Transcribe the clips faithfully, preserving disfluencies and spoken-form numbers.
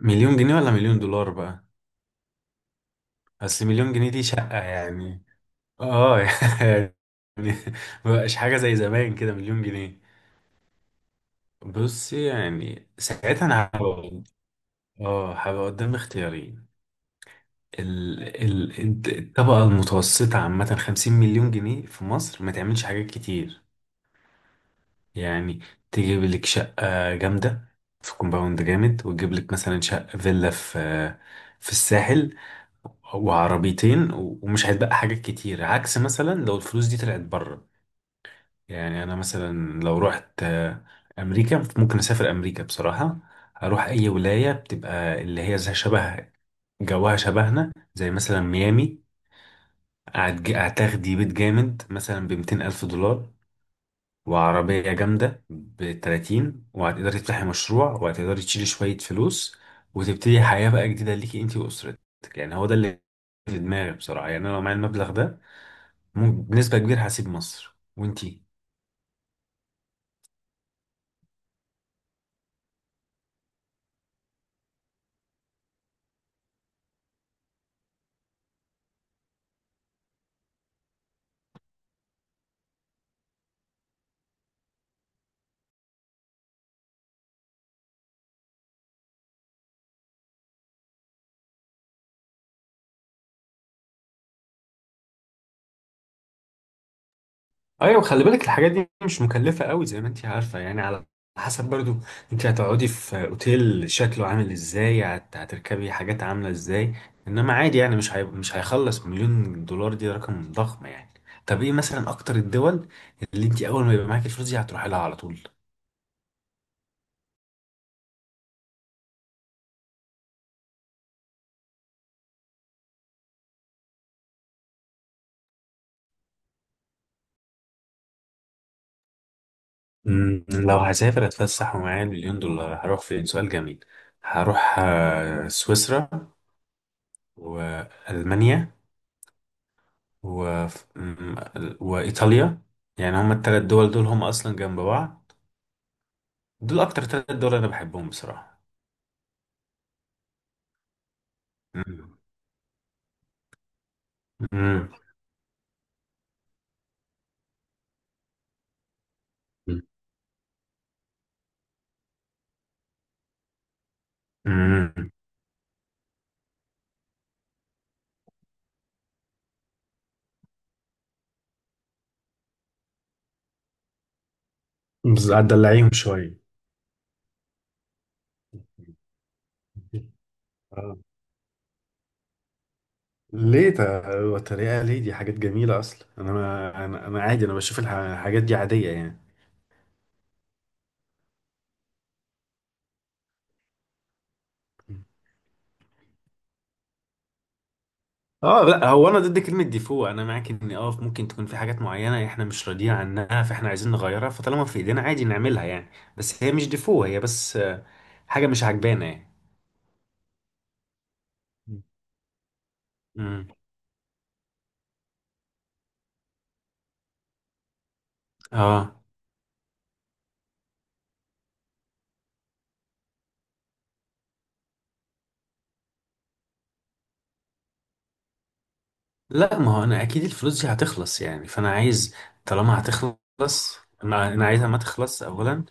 مليون جنيه ولا مليون دولار بقى؟ بس مليون جنيه دي شقة يعني. اه، يعني مبقاش حاجة زي زمان كده مليون جنيه. بصي، يعني ساعتها انا هبقى، اه هبقى قدام اختيارين. ال... ال... الت- الطبقة المتوسطة عامة خمسين مليون جنيه في مصر ما تعملش حاجات كتير. يعني تجيب لك شقة جامدة في كومباوند جامد، وتجيب لك مثلا شقة فيلا في في الساحل، وعربيتين و- ومش هيتبقى حاجات كتير، عكس مثلا لو الفلوس دي طلعت بره. يعني انا مثلا لو رحت آه، امريكا، ممكن اسافر امريكا بصراحة. اروح اي ولاية بتبقى اللي هي زي شبه جواها شبهنا زي مثلا ميامي. أعت- هتاخدي بيت جامد مثلا بمتين ألف دولار، وعربية جامدة بتلاتين، وهتقدري تفتحي مشروع، وهتقدري تشيلي شوية فلوس وتبتدي حياة بقى جديدة ليكي انتي وأسرتك. يعني هو ده اللي في دماغي بصراحة. يعني أنا لو معايا المبلغ ده، مم- بنسبة كبيرة هسيب مصر. وانتي؟ ايوه، خلي بالك الحاجات دي مش مكلفه قوي زي ما انت عارفه، يعني على حسب برضو، انت هتقعدي في اوتيل شكله عامل ازاي، هت- هتركبي حاجات عامله ازاي. انما عادي، يعني مش هي... مش هيخلص. مليون دولار دي رقم ضخم يعني. طب ايه مثلا اكتر الدول اللي انت اول ما يبقى معاكي الفلوس دي هتروحي لها على طول؟ مم، لو هسافر اتفسح ومعايا المليون دولار هروح فين؟ سؤال جميل. هروح آه، سويسرا، والمانيا، و... م- وإيطاليا. يعني هما التلات دول، دول هما أصلا جنب بعض. دول أكتر تلات دول أنا بحبهم بصراحة. مم. مم. مم. بس هتدلعيهم شوية. آه. ليه ت- تريقة؟ ليه؟ دي حاجات جميلة أصلا. أنا، ما أنا، أنا عادي، أنا بشوف الح- الحاجات دي عادية يعني. اه لا، هو انا ضد كلمه ديفو. انا معاك ان اه ممكن تكون في حاجات معينه احنا مش راضيين عنها، فاحنا عايزين نغيرها، فطالما في ايدينا عادي نعملها يعني. بس هي مش ديفو، هي بس حاجة مش عجبانة يعني. مم. امم. اه لا، ما هو انا اكيد الفلوس دي هتخلص يعني، فانا عايز. طالما هتخلص، انا انا عايزها ما تخلص اولا.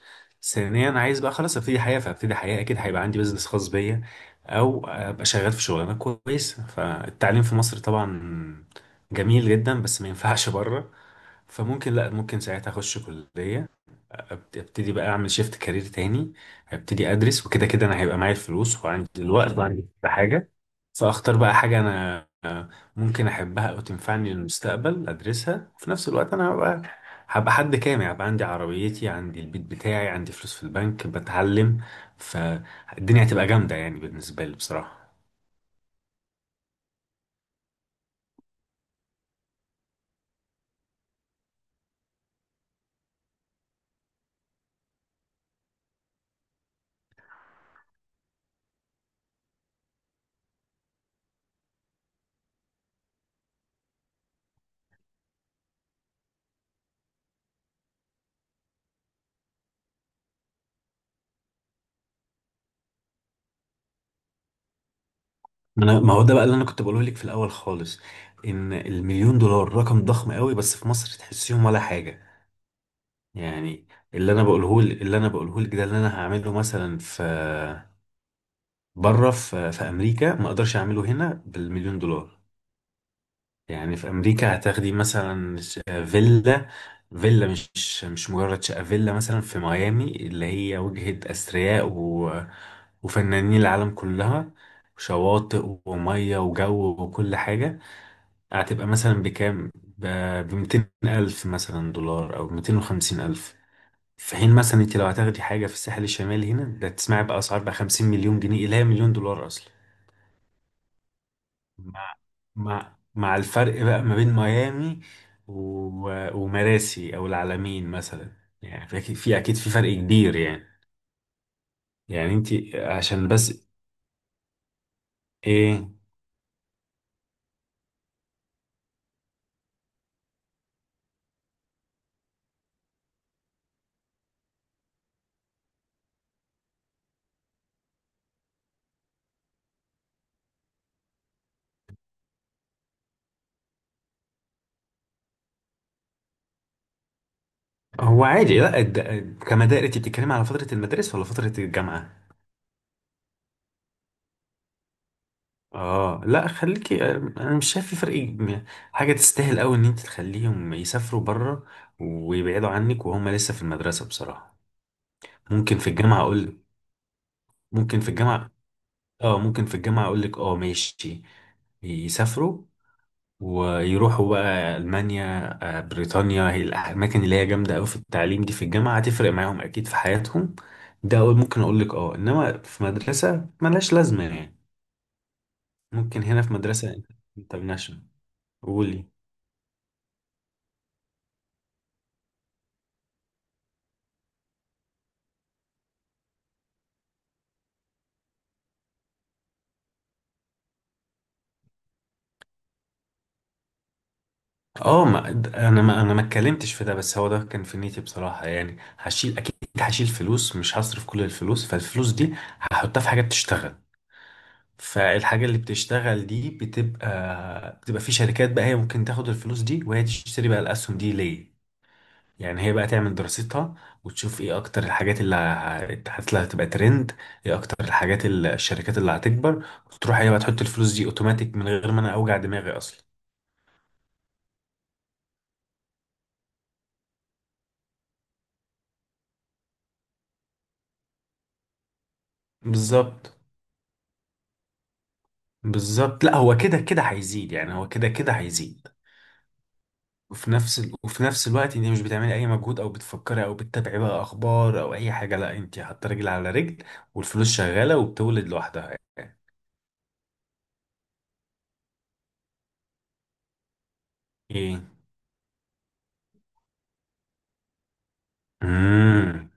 ثانيا انا عايز بقى خلاص ابتدي حياه، فابتدي حياه اكيد هيبقى عندي بزنس خاص بيا، او ابقى شغال في شغلانه كويسه. فالتعليم في مصر طبعا جميل جدا، بس ما ينفعش بره. فممكن، لا ممكن ساعتها اخش كليه، أبت- ابتدي بقى اعمل شيفت كارير تاني. ابتدي ادرس، وكده كده انا هيبقى معايا الفلوس وعندي الوقت وعندي كل حاجه. فاختار بقى حاجة انا، آه، ممكن احبها او تنفعني للمستقبل ادرسها. وفي نفس الوقت انا هبقى هبقى حد كامل، هبقى عندي عربيتي، عندي البيت بتاعي، عندي فلوس في البنك، بتعلم. فالدنيا هتبقى جامدة يعني بالنسبة لي بصراحة. ما انا، ما هو ده بقى اللي انا كنت بقوله لك في الاول خالص، ان المليون دولار رقم ضخم قوي، بس في مصر تحسيهم ولا حاجة يعني. اللي انا بقوله اللي انا بقوله لك ده اللي انا هعمله مثلا في بره، في في امريكا ما اقدرش اعمله هنا بالمليون دولار. يعني في امريكا هتاخدي مثلا ش- فيلا، فيلا مش مش مجرد شقه. فيلا مثلا في ميامي اللي هي وجهه اثرياء و... وفنانين العالم كلها. شواطئ وميه وجو وكل حاجه، هتبقى مثلا بكام؟ ب ميتين الف مثلا دولار او ميتين وخمسين الف. في حين مثلا انت لو هتاخدي حاجه في الساحل الشمالي هنا، ده تسمعي بقى اسعار بقى خمسين مليون جنيه، اللي هي مليون دولار اصلا. مع مع مع الفرق بقى ما بين ميامي و... ومراسي او العلمين مثلا. يعني في أكيد- في اكيد في فرق كبير يعني. يعني انت عشان بس. ايه؟ هو عادي، لا الد... كمدارس، انت بتتكلمي على فترة المدارس ولا فترة الجامعة؟ اه لا خليكي، انا مش شايف في فرق م- حاجة تستاهل قوي ان انت تخليهم يسافروا بره ويبعدوا عنك وهم لسه في المدرسة بصراحة. ممكن في الجامعة اقول. ممكن في الجامعة، اه ممكن في الجامعة اقول لك اه ماشي. يسافروا ويروحوا بقى المانيا، آه، بريطانيا، هي الاماكن اللي هي جامده قوي في التعليم دي. في الجامعه هتفرق معاهم اكيد في حياتهم. ده أقول- ممكن اقول لك اه. انما في مدرسه ملهاش لازمه يعني. ممكن هنا في مدرسه انترناشونال. قولي. اه، ما د- انا ما انا ما اتكلمتش في ده، بس هو ده كان في نيتي بصراحه. يعني هشيل اكيد، هشيل فلوس، مش هصرف كل الفلوس. فالفلوس دي هحطها في حاجه بتشتغل. فالحاجة اللي بتشتغل دي بتبقى بتبقى في شركات بقى، هي ممكن تاخد الفلوس دي وهي تشتري بقى الأسهم دي ليه. يعني هي بقى تعمل دراستها، وتشوف ايه اكتر الحاجات اللي هت- اللي هتبقى ترند، ايه اكتر الحاجات اللي الشركات اللي هتكبر. وتروح هي بقى تحط الفلوس دي اوتوماتيك، من غير ما انا اوجع دماغي اصلا. بالظبط. بالظبط، لا هو كده كده هيزيد يعني، هو كده كده هيزيد وفي نفس ال... وفي نفس الوقت انت مش بتعملي اي مجهود او بتفكري او بتتابعي بقى اخبار او اي حاجه. لا، انت حاطه رجل على رجل، والفلوس شغاله وبتولد لوحدها. ايه؟ امم.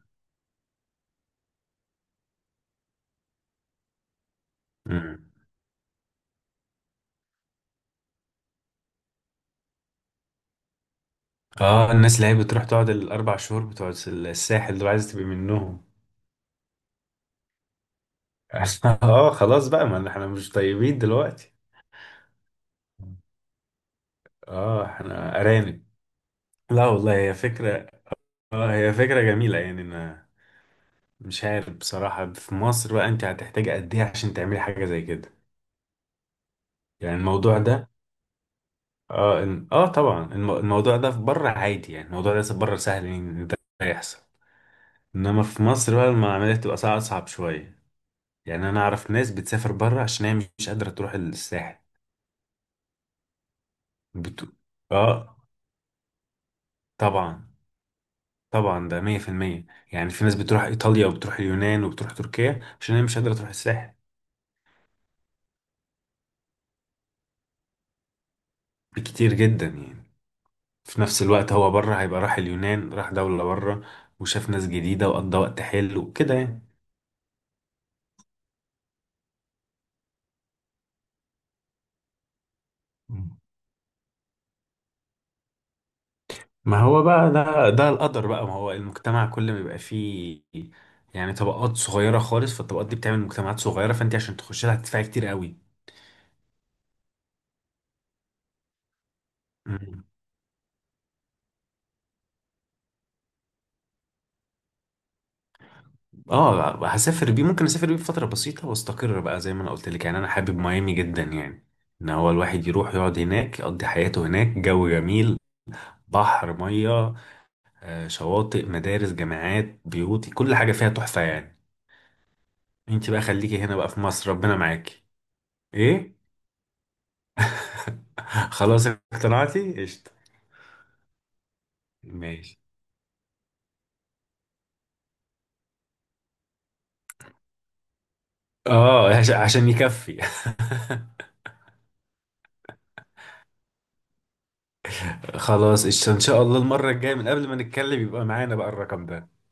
امم. اه، الناس اللي هي بتروح تقعد الاربع شهور بتوع الساحل دول، عايزه تبقي منهم. اه خلاص بقى، ما احنا مش طيبين دلوقتي. اه احنا ارانب. لا والله هي فكرة، اه هي فكرة جميلة يعني. انا مش عارف بصراحة في مصر بقى انت هتحتاجي قد ايه عشان تعملي حاجة زي كده. يعني الموضوع ده، اه إن... اه طبعا الم... الموضوع ده في بره عادي يعني. الموضوع ده في بره سهل ان ده يحصل. انما في مصر بقى المعاملات تبقى صعب، اصعب شويه. يعني انا اعرف ناس بتسافر بره عشان هي مش قادره تروح الساحل. بت... اه طبعا. طبعا ده مية في المية. يعني في ناس بتروح ايطاليا وبتروح اليونان وبتروح تركيا عشان هي مش قادره تروح الساحل. بكتير جدا يعني. في نفس الوقت هو بره هيبقى راح اليونان، راح دوله بره، وشاف ناس جديده، وقضى وقت حلو وكده يعني. ما هو بقى ده ده القدر بقى. ما هو المجتمع كل ما بيبقى فيه يعني طبقات صغيرة خالص، فالطبقات دي بتعمل مجتمعات صغيرة، فانت عشان تخش لها هتدفعي كتير قوي. مم. اه هسافر بيه، ممكن اسافر بيه فترة بسيطة واستقر بقى، زي ما انا قلت لك، يعني انا حابب ميامي جدا يعني. ان هو الواحد يروح يقعد هناك يقضي حياته هناك، جو جميل، بحر، مية، آه، شواطئ، مدارس، جامعات، بيوت، كل حاجة فيها تحفة يعني. انت بقى خليكي هنا بقى في مصر، ربنا معاكي. ايه؟ خلاص اقتنعتي؟ قشطة. ماشي. اه عش- عشان يكفي. خلاص قشطة. ان شاء الله المرة الجاية من قبل ما نتكلم يبقى معانا بقى الرقم ده.